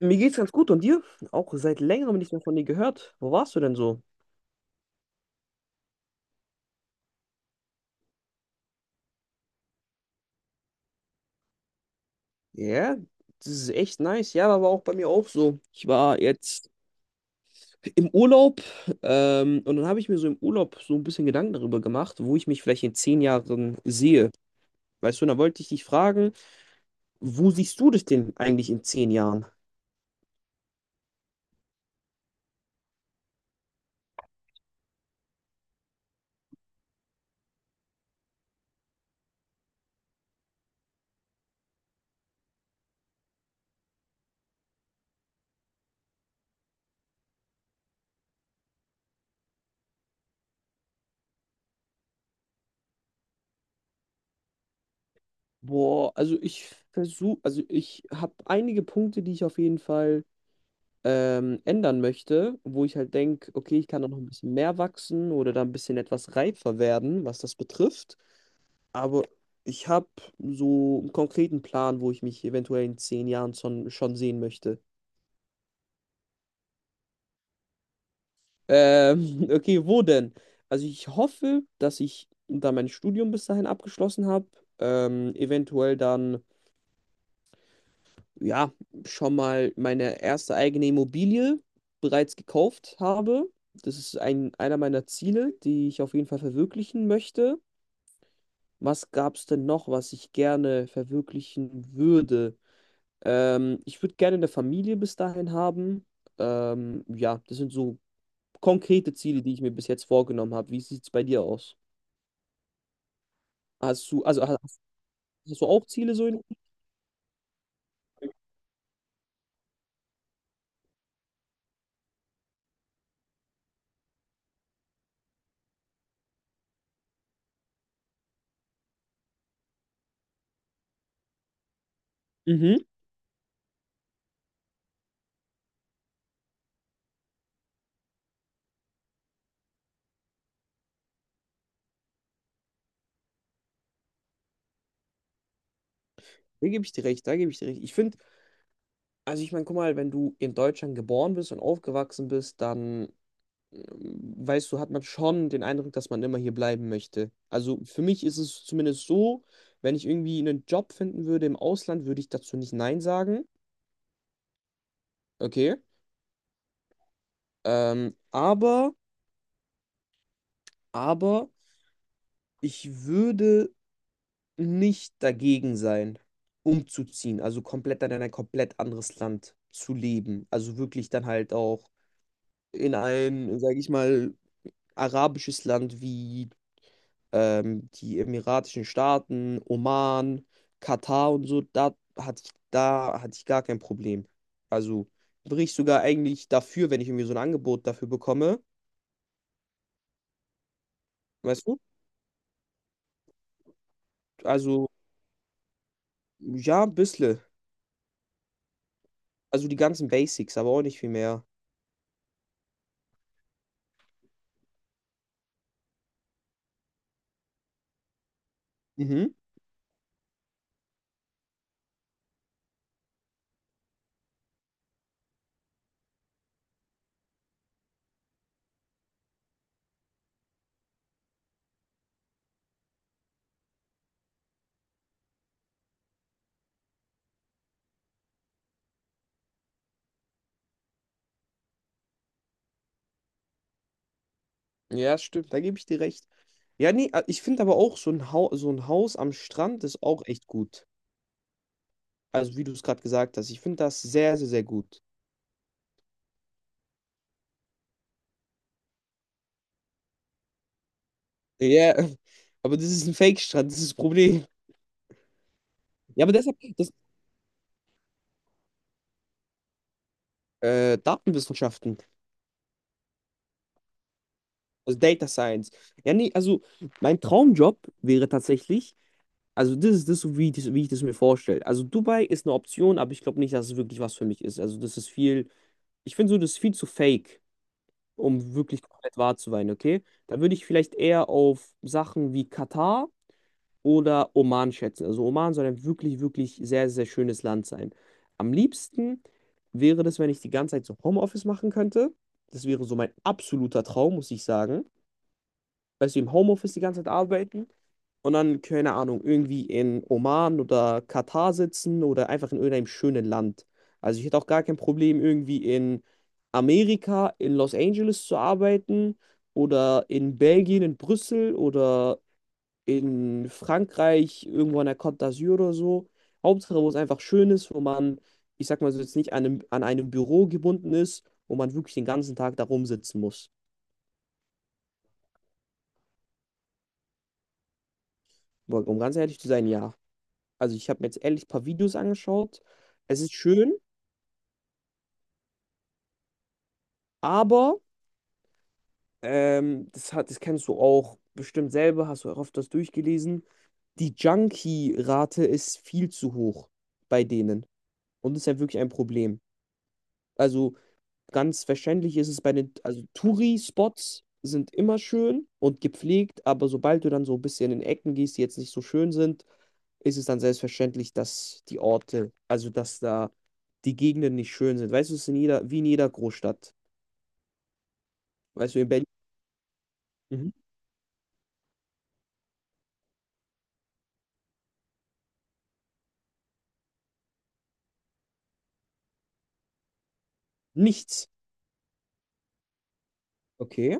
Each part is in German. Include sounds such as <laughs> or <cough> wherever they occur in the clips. Mir geht's ganz gut und dir? Auch seit längerem nicht mehr von dir gehört. Wo warst du denn so? Ja, das ist echt nice. Ja, war aber auch bei mir auch so. Ich war jetzt im Urlaub und dann habe ich mir so im Urlaub so ein bisschen Gedanken darüber gemacht, wo ich mich vielleicht in 10 Jahren sehe. Weißt du, und da wollte ich dich fragen, wo siehst du dich denn eigentlich in 10 Jahren? Boah, also ich versuche, also ich habe einige Punkte, die ich auf jeden Fall ändern möchte, wo ich halt denke, okay, ich kann da noch ein bisschen mehr wachsen oder da ein bisschen etwas reifer werden, was das betrifft. Aber ich habe so einen konkreten Plan, wo ich mich eventuell in 10 Jahren schon sehen möchte. <laughs> Okay, wo denn? Also ich hoffe, dass ich da mein Studium bis dahin abgeschlossen habe. Eventuell dann ja, schon mal meine erste eigene Immobilie bereits gekauft habe. Das ist einer meiner Ziele, die ich auf jeden Fall verwirklichen möchte. Was gab es denn noch, was ich gerne verwirklichen würde? Ich würde gerne eine Familie bis dahin haben. Ja, das sind so konkrete Ziele, die ich mir bis jetzt vorgenommen habe. Wie sieht es bei dir aus? Hast du, also hast, hast du auch Ziele so in? Mhm. Da gebe ich dir recht, da gebe ich dir recht. Also ich meine, guck mal, wenn du in Deutschland geboren bist und aufgewachsen bist, dann weißt du, hat man schon den Eindruck, dass man immer hier bleiben möchte. Also für mich ist es zumindest so, wenn ich irgendwie einen Job finden würde im Ausland, würde ich dazu nicht Nein sagen. Okay. Ähm, aber, aber ich würde nicht dagegen sein, umzuziehen. Also komplett dann in ein komplett anderes Land zu leben. Also wirklich dann halt auch in ein, sage ich mal, arabisches Land wie die Emiratischen Staaten, Oman, Katar und so, da hatte ich gar kein Problem. Also wäre ich sogar eigentlich dafür, wenn ich irgendwie so ein Angebot dafür bekomme. Weißt du? Also, ja, ein bisschen. Also die ganzen Basics, aber auch nicht viel mehr. Mhm. Ja, stimmt, da gebe ich dir recht. Ja, nee, ich finde aber auch so ein Haus am Strand ist auch echt gut. Also, wie du es gerade gesagt hast, ich finde das sehr, sehr, sehr gut. Ja, <laughs> aber das ist ein Fake-Strand, das ist das Problem. Ja, aber deshalb. Datenwissenschaften, also Data Science. Ja, nee, also mein Traumjob wäre tatsächlich, also das ist das, wie ich das mir vorstelle. Also Dubai ist eine Option, aber ich glaube nicht, dass es wirklich was für mich ist. Ich finde so, das ist viel zu fake, um wirklich komplett wahr zu sein, okay? Da würde ich vielleicht eher auf Sachen wie Katar oder Oman schätzen. Also Oman soll ein wirklich, wirklich sehr, sehr schönes Land sein. Am liebsten wäre das, wenn ich die ganze Zeit so Homeoffice machen könnte. Das wäre so mein absoluter Traum, muss ich sagen. Weißt du, im Homeoffice die ganze Zeit arbeiten und dann, keine Ahnung, irgendwie in Oman oder Katar sitzen oder einfach in irgendeinem schönen Land. Also ich hätte auch gar kein Problem, irgendwie in Amerika, in Los Angeles zu arbeiten oder in Belgien, in Brüssel oder in Frankreich, irgendwo an der Côte d'Azur oder so. Hauptsache, wo es einfach schön ist, wo man, ich sag mal so, jetzt nicht an einem Büro gebunden ist, wo man wirklich den ganzen Tag da rumsitzen muss. Um ganz ehrlich zu sein, ja. Also ich habe mir jetzt ehrlich ein paar Videos angeschaut. Es ist schön, aber das kennst du auch bestimmt selber, hast du auch oft das durchgelesen. Die Junkie-Rate ist viel zu hoch bei denen. Und das ist ja wirklich ein Problem. Also ganz wahrscheinlich ist es bei den, also Touri-Spots sind immer schön und gepflegt, aber sobald du dann so ein bisschen in Ecken gehst, die jetzt nicht so schön sind, ist es dann selbstverständlich, dass da die Gegenden nicht schön sind. Weißt du, es ist in jeder, wie in jeder Großstadt. Weißt du, in Berlin. Mhm. Nichts. Okay.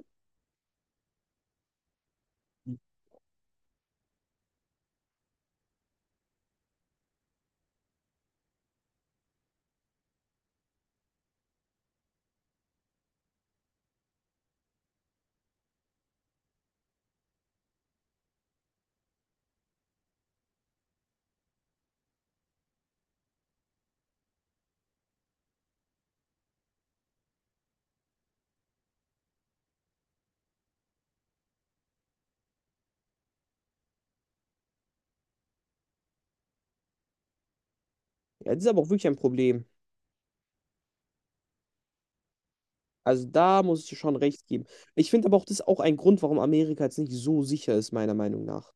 Ja, das ist aber auch wirklich ein Problem. Also da muss ich dir schon recht geben. Ich finde aber auch, das ist auch ein Grund, warum Amerika jetzt nicht so sicher ist, meiner Meinung nach.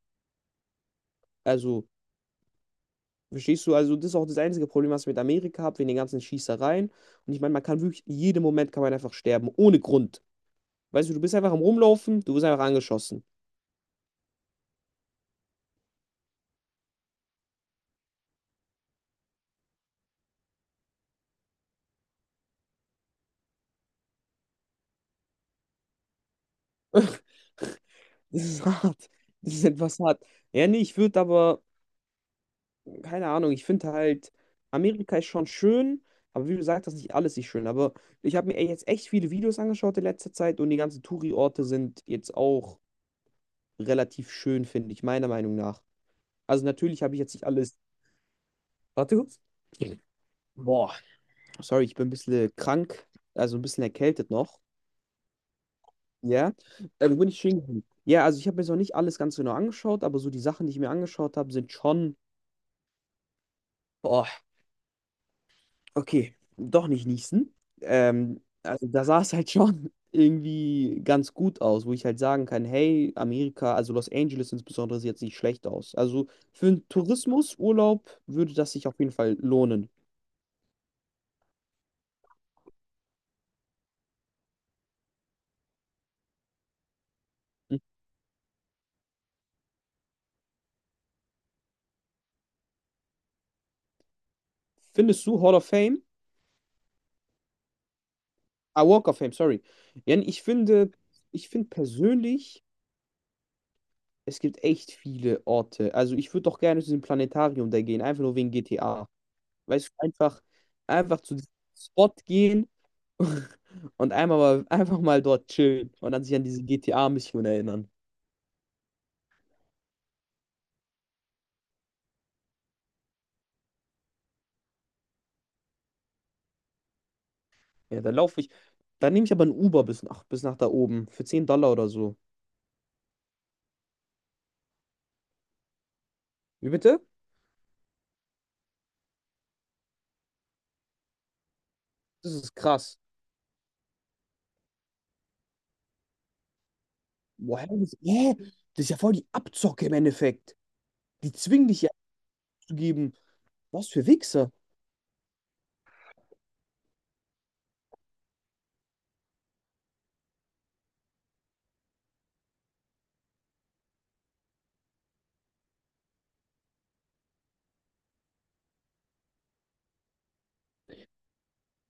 Also verstehst du? Also, das ist auch das einzige Problem, was ich mit Amerika habe, wegen den ganzen Schießereien. Und ich meine, man kann wirklich, jeden Moment kann man einfach sterben, ohne Grund. Weißt du, du bist einfach am Rumlaufen, du wirst einfach angeschossen. <laughs> Das ist hart. Das ist etwas hart. Ja, nee, ich würde aber, keine Ahnung, ich finde halt, Amerika ist schon schön, aber wie du sagst, das ist nicht alles nicht schön. Aber ich habe mir ey, jetzt echt viele Videos angeschaut in letzter Zeit und die ganzen Touri-Orte sind jetzt auch relativ schön, finde ich, meiner Meinung nach. Also, natürlich habe ich jetzt nicht alles. Warte kurz. Boah. Sorry, ich bin ein bisschen krank, also ein bisschen erkältet noch. Ja, bin ich stehen. Ja, also ich habe mir jetzt noch nicht alles ganz genau angeschaut, aber so die Sachen, die ich mir angeschaut habe, sind schon, boah, okay, doch nicht niesen. Also da sah es halt schon <laughs> irgendwie ganz gut aus, wo ich halt sagen kann, hey, Amerika, also Los Angeles insbesondere, sieht jetzt nicht schlecht aus. Also für einen Tourismusurlaub würde das sich auf jeden Fall lohnen. Hm? Findest du Hall of Fame? Ah, Walk of Fame, sorry. Jan, ich finde persönlich. Es gibt echt viele Orte. Also ich würde doch gerne zu diesem Planetarium da gehen, einfach nur wegen GTA. Weißt du, einfach zu diesem Spot gehen <laughs> und einfach mal dort chillen und dann sich an diese GTA-Mission erinnern. Ja, da laufe ich. Da nehme ich aber ein Uber bis nach da oben. Für $10 oder so. Wie bitte? Das ist krass. Woher? Das, hä? Das ist ja voll die Abzocke im Endeffekt. Die zwingen dich ja abzugeben. Was für Wichser.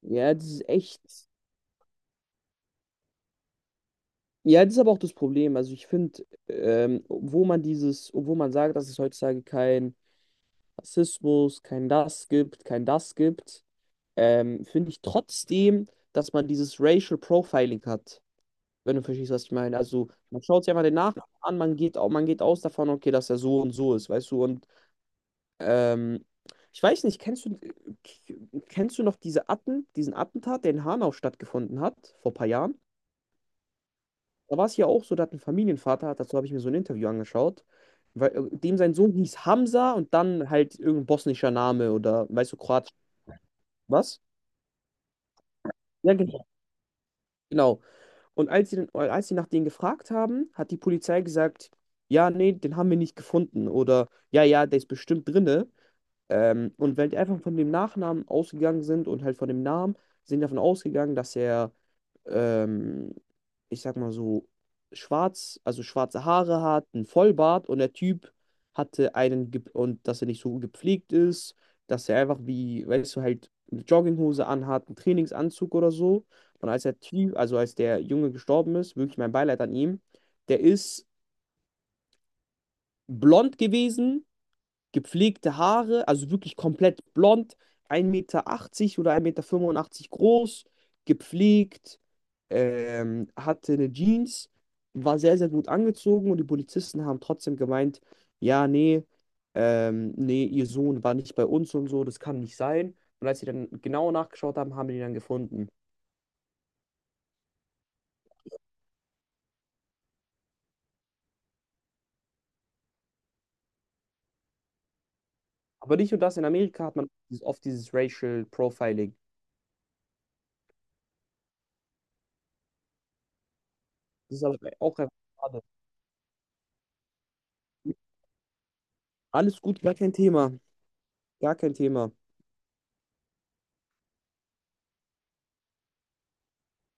Ja, das ist echt. Ja, das ist aber auch das Problem. Also ich finde, obwohl man sagt, dass es heutzutage kein Rassismus, kein das gibt, kein das gibt, finde ich trotzdem, dass man dieses Racial Profiling hat, wenn du verstehst, was ich meine. Also man schaut sich einfach den Nachnamen an, man geht aus davon, okay, dass er so und so ist, weißt du? Und ähm, ich weiß nicht, kennst du noch diesen Attentat, der in Hanau stattgefunden hat, vor ein paar Jahren? Da war es ja auch so, da hat ein Familienvater, dazu habe ich mir so ein Interview angeschaut, weil dem sein Sohn hieß Hamza und dann halt irgendein bosnischer Name oder weißt du, Kroatisch, was? Ja, genau. Genau. Und als sie nach denen gefragt haben, hat die Polizei gesagt, ja, nee, den haben wir nicht gefunden oder ja, ja, der ist bestimmt drinne. Und weil die einfach von dem Nachnamen ausgegangen sind und halt von dem Namen, sind davon ausgegangen, dass er ähm, ich sag mal so, schwarz, also schwarze Haare hat, einen Vollbart und der Typ und dass er nicht so gepflegt ist, dass er einfach wie, weißt du, halt eine Jogginghose anhat, einen Trainingsanzug oder so. Und als der Junge gestorben ist, wirklich mein Beileid an ihm, der ist blond gewesen, gepflegte Haare, also wirklich komplett blond, 1,80 m oder 1,85 m groß, gepflegt, hatte eine Jeans, war sehr, sehr gut angezogen und die Polizisten haben trotzdem gemeint, ja, nee, nee, ihr Sohn war nicht bei uns und so, das kann nicht sein. Und als sie dann genauer nachgeschaut haben, haben die ihn dann gefunden. Aber nicht nur das, in Amerika hat man oft dieses Racial Profiling. Das ist aber auch einfach schade. Alles gut, gar kein Thema. Gar kein Thema.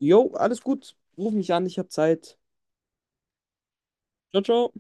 Jo, alles gut. Ruf mich an, ich habe Zeit. Ciao, ciao.